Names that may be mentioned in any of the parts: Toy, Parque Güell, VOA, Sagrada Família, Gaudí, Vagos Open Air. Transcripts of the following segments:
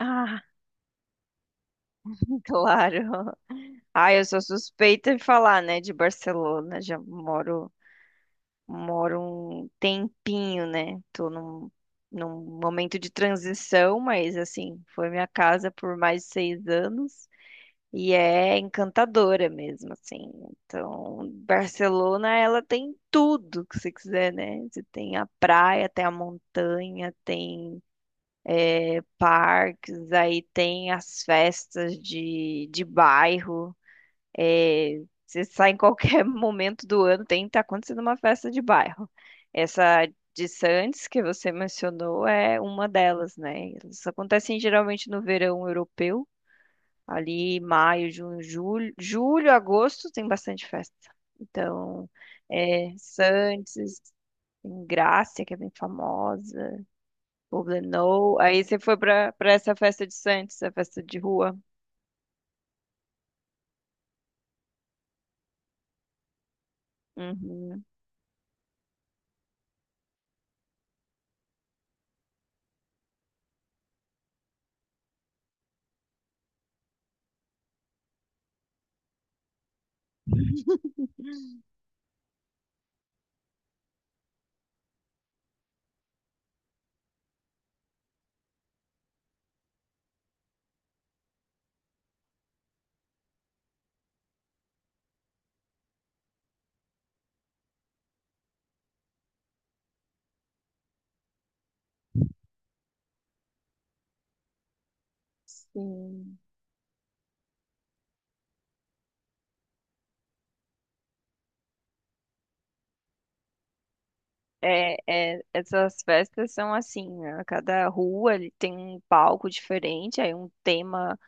Ah, claro. Ah, eu sou suspeita em falar, né, de Barcelona. Já moro um tempinho, né? Tô num momento de transição, mas assim, foi minha casa por mais de 6 anos e é encantadora mesmo, assim. Então, Barcelona, ela tem tudo que você quiser, né? Você tem a praia, tem a montanha, tem parques, aí tem as festas de bairro. É, você sai em qualquer momento do ano, tem tá acontecendo uma festa de bairro. Essa de Santos que você mencionou é uma delas, né? Elas acontecem geralmente no verão europeu, ali maio, junho, julho, agosto tem bastante festa. Então, é, Santos, tem Grácia, que é bem famosa, Poblenou. Aí você foi para essa festa de Santos, a festa de rua. Uhum, sim. É, é, essas festas são assim, né? Cada rua ele tem um palco diferente, aí um tema,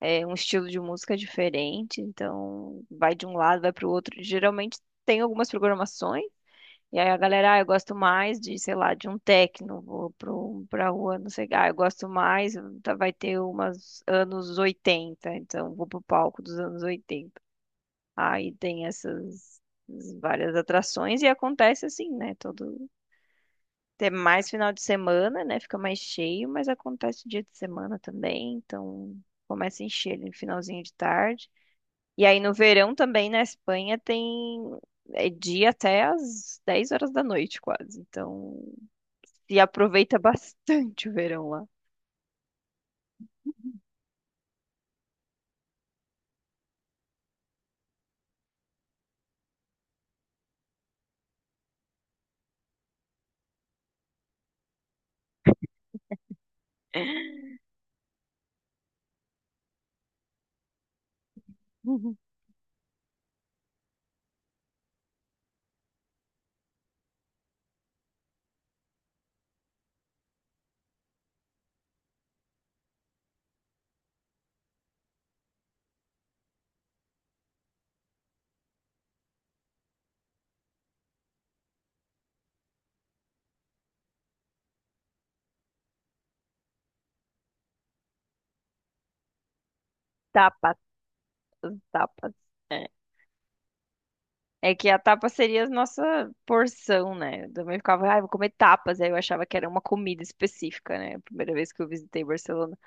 é, um estilo de música diferente, então vai de um lado, vai para o outro. Geralmente tem algumas programações, e aí a galera, ah, eu gosto mais de, sei lá, de um techno, vou pro, pra rua, não sei, ah, eu gosto mais, vai ter umas anos 80, então vou pro palco dos anos 80. Aí tem essas várias atrações e acontece assim, né? Todo ter mais final de semana, né? Fica mais cheio, mas acontece dia de semana também, então começa a encher ali no finalzinho de tarde. E aí no verão também na Espanha tem é dia até às 10 horas da noite quase. Então se aproveita bastante o verão lá. Tapas, tapas. É. É que a tapa seria a nossa porção, né? Eu também ficava, ah, vou comer tapas. Aí eu achava que era uma comida específica, né? A primeira vez que eu visitei Barcelona.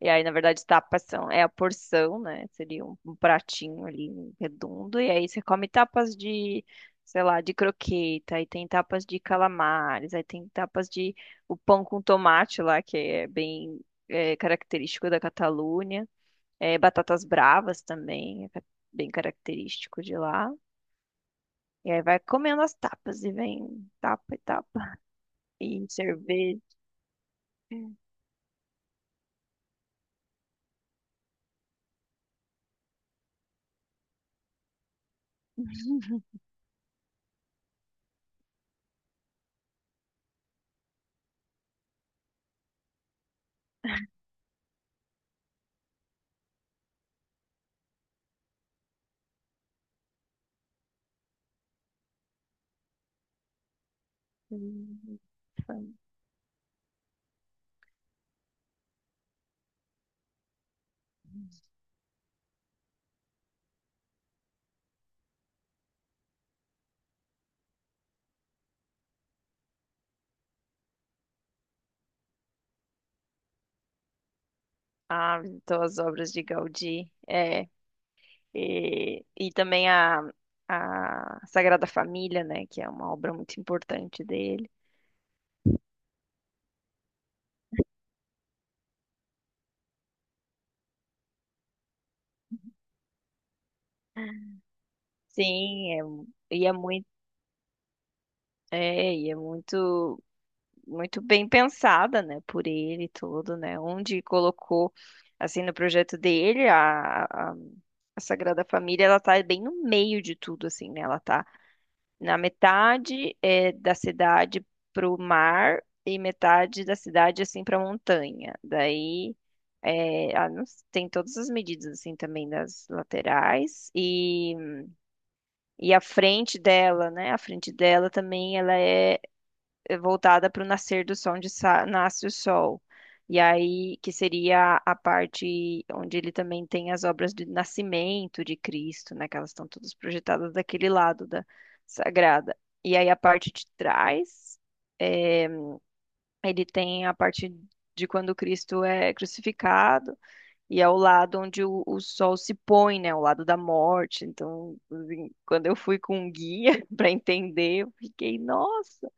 E aí, na verdade, tapas são, é a porção, né? Seria um pratinho ali redondo. E aí você come tapas de, sei lá, de croqueta. Aí tem tapas de calamares. Aí tem tapas de o pão com tomate lá, que é bem característico da Catalunha. É, batatas bravas também, bem característico de lá. E aí vai comendo as tapas e vem tapa e tapa. E cerveja. Hum, hum, hum, hum. Ah, visitou as obras de Gaudí. E também a Sagrada Família, né? Que é uma obra muito importante dele. Sim, e é muito, muito bem pensada, né? Por ele e tudo, né? Onde colocou, assim, no projeto dele, a Sagrada Família, ela tá bem no meio de tudo, assim, né? Ela tá na metade da cidade pro mar e metade da cidade assim pra montanha. Daí é, a- não s- tem todas as medidas assim também das laterais e a frente dela, né? A frente dela também ela é voltada para o nascer do sol, onde nasce o sol. E aí, que seria a parte onde ele também tem as obras do nascimento de Cristo, né? Que elas estão todas projetadas daquele lado da sagrada. E aí, a parte de trás, eh, ele tem a parte de quando Cristo é crucificado, e é o lado onde o sol se põe, né? O lado da morte. Então, assim, quando eu fui com um guia para entender, eu fiquei, nossa!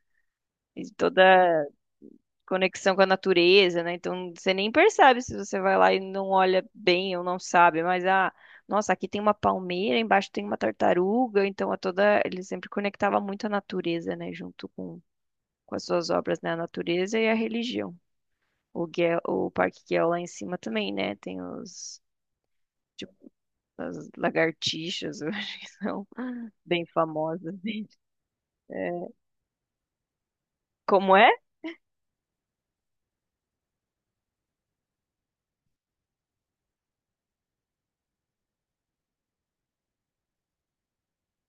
E toda conexão com a natureza, né? Então você nem percebe se você vai lá e não olha bem ou não sabe, mas ah, nossa, aqui tem uma palmeira, embaixo tem uma tartaruga, então a toda ele sempre conectava muito a natureza, né, junto com as suas obras, né, a natureza e a religião. O Guel, o Parque Guel lá em cima também, né, tem os tipo, as lagartixas, eu acho que são bem famosas, né? Como é?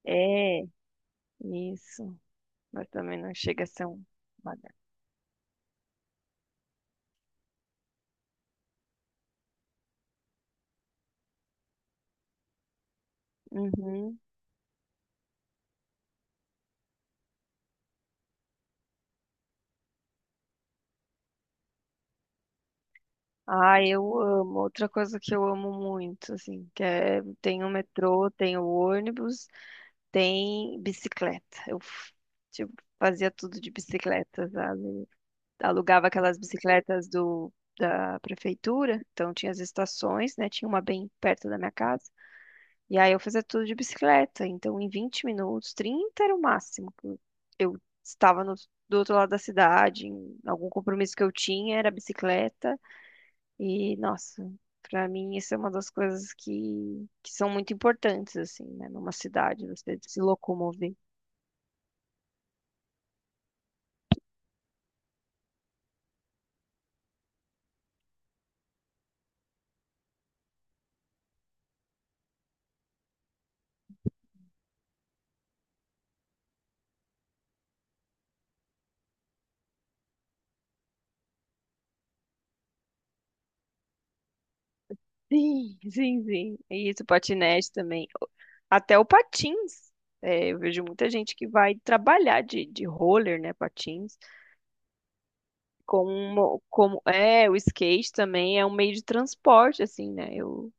É, isso. Mas também não chega a ser um. Uhum. Ai, eu amo. Outra coisa que eu amo muito, assim, que é, tem o metrô, tem o ônibus, tem bicicleta. Eu, tipo, fazia tudo de bicicleta, sabe? Alugava aquelas bicicletas do, da prefeitura, então tinha as estações, né? Tinha uma bem perto da minha casa. E aí eu fazia tudo de bicicleta. Então, em 20 minutos, 30 era o máximo que eu estava no, do outro lado da cidade, em algum compromisso que eu tinha era bicicleta. E, nossa, pra mim isso é uma das coisas que são muito importantes, assim, né? Numa cidade, você se locomover. Sim, sim, sim. E isso, patinete também. Até o patins. É, eu vejo muita gente que vai trabalhar de roller, né, patins, como, como é, o skate também é um meio de transporte, assim, né? Eu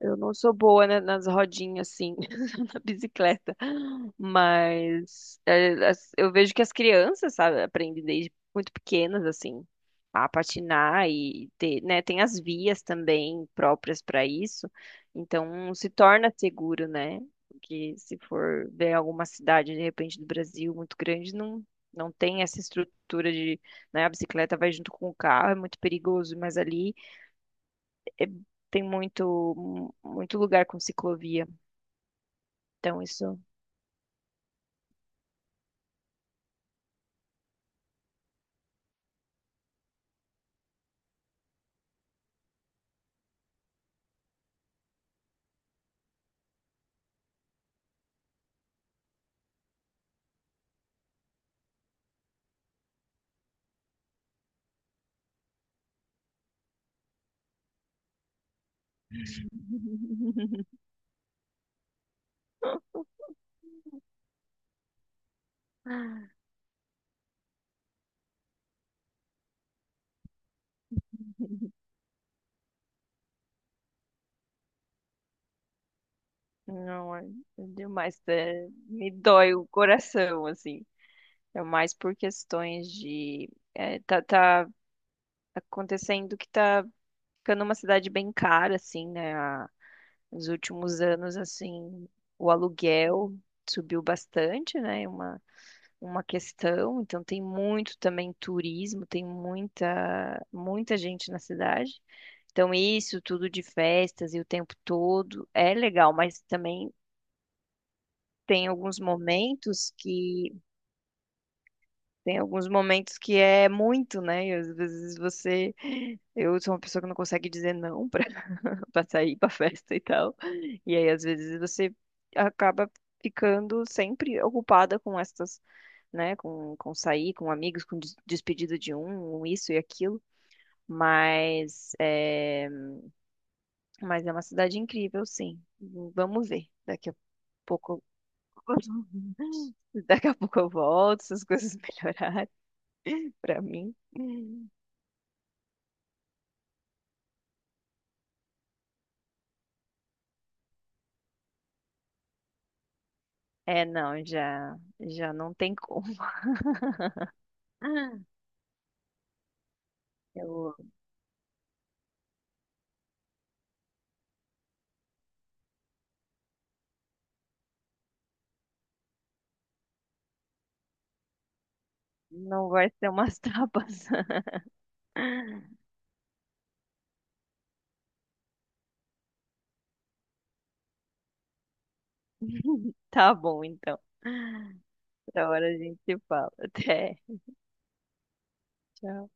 Eu não sou boa, né, nas rodinhas, assim, na bicicleta. Mas é, eu vejo que as crianças, sabe, aprendem desde muito pequenas, assim, a patinar e ter, né, tem as vias também próprias para isso. Então, se torna seguro, né? Porque se for ver alguma cidade, de repente, do Brasil muito grande, não, não tem essa estrutura de, né, a bicicleta vai junto com o carro, é muito perigoso, mas ali é- tem muito, muito lugar com ciclovia. Então, isso. Não, é demais. Me dói o coração, assim. É mais por questões de. Tá acontecendo que tá ficando uma cidade bem cara, assim, né? Nos últimos anos, assim, o aluguel subiu bastante, né? Uma questão, então tem muito também turismo, tem muita muita gente na cidade. Então isso tudo de festas e o tempo todo é legal, mas também tem alguns momentos que tem alguns momentos que é muito, né? E às vezes você, eu sou uma pessoa que não consegue dizer não para sair para festa e tal. E aí, às vezes, você acaba ficando sempre ocupada com essas, né, com sair, com amigos, com despedida de um isso e aquilo. Mas é, mas é uma cidade incrível, sim. Vamos ver. Daqui a pouco, daqui a pouco eu volto, se as coisas melhorarem para mim. É, não, já não tem como. Eu não vai ser umas tapas. Tá bom, então. Outra hora a gente se fala. Até. Tchau.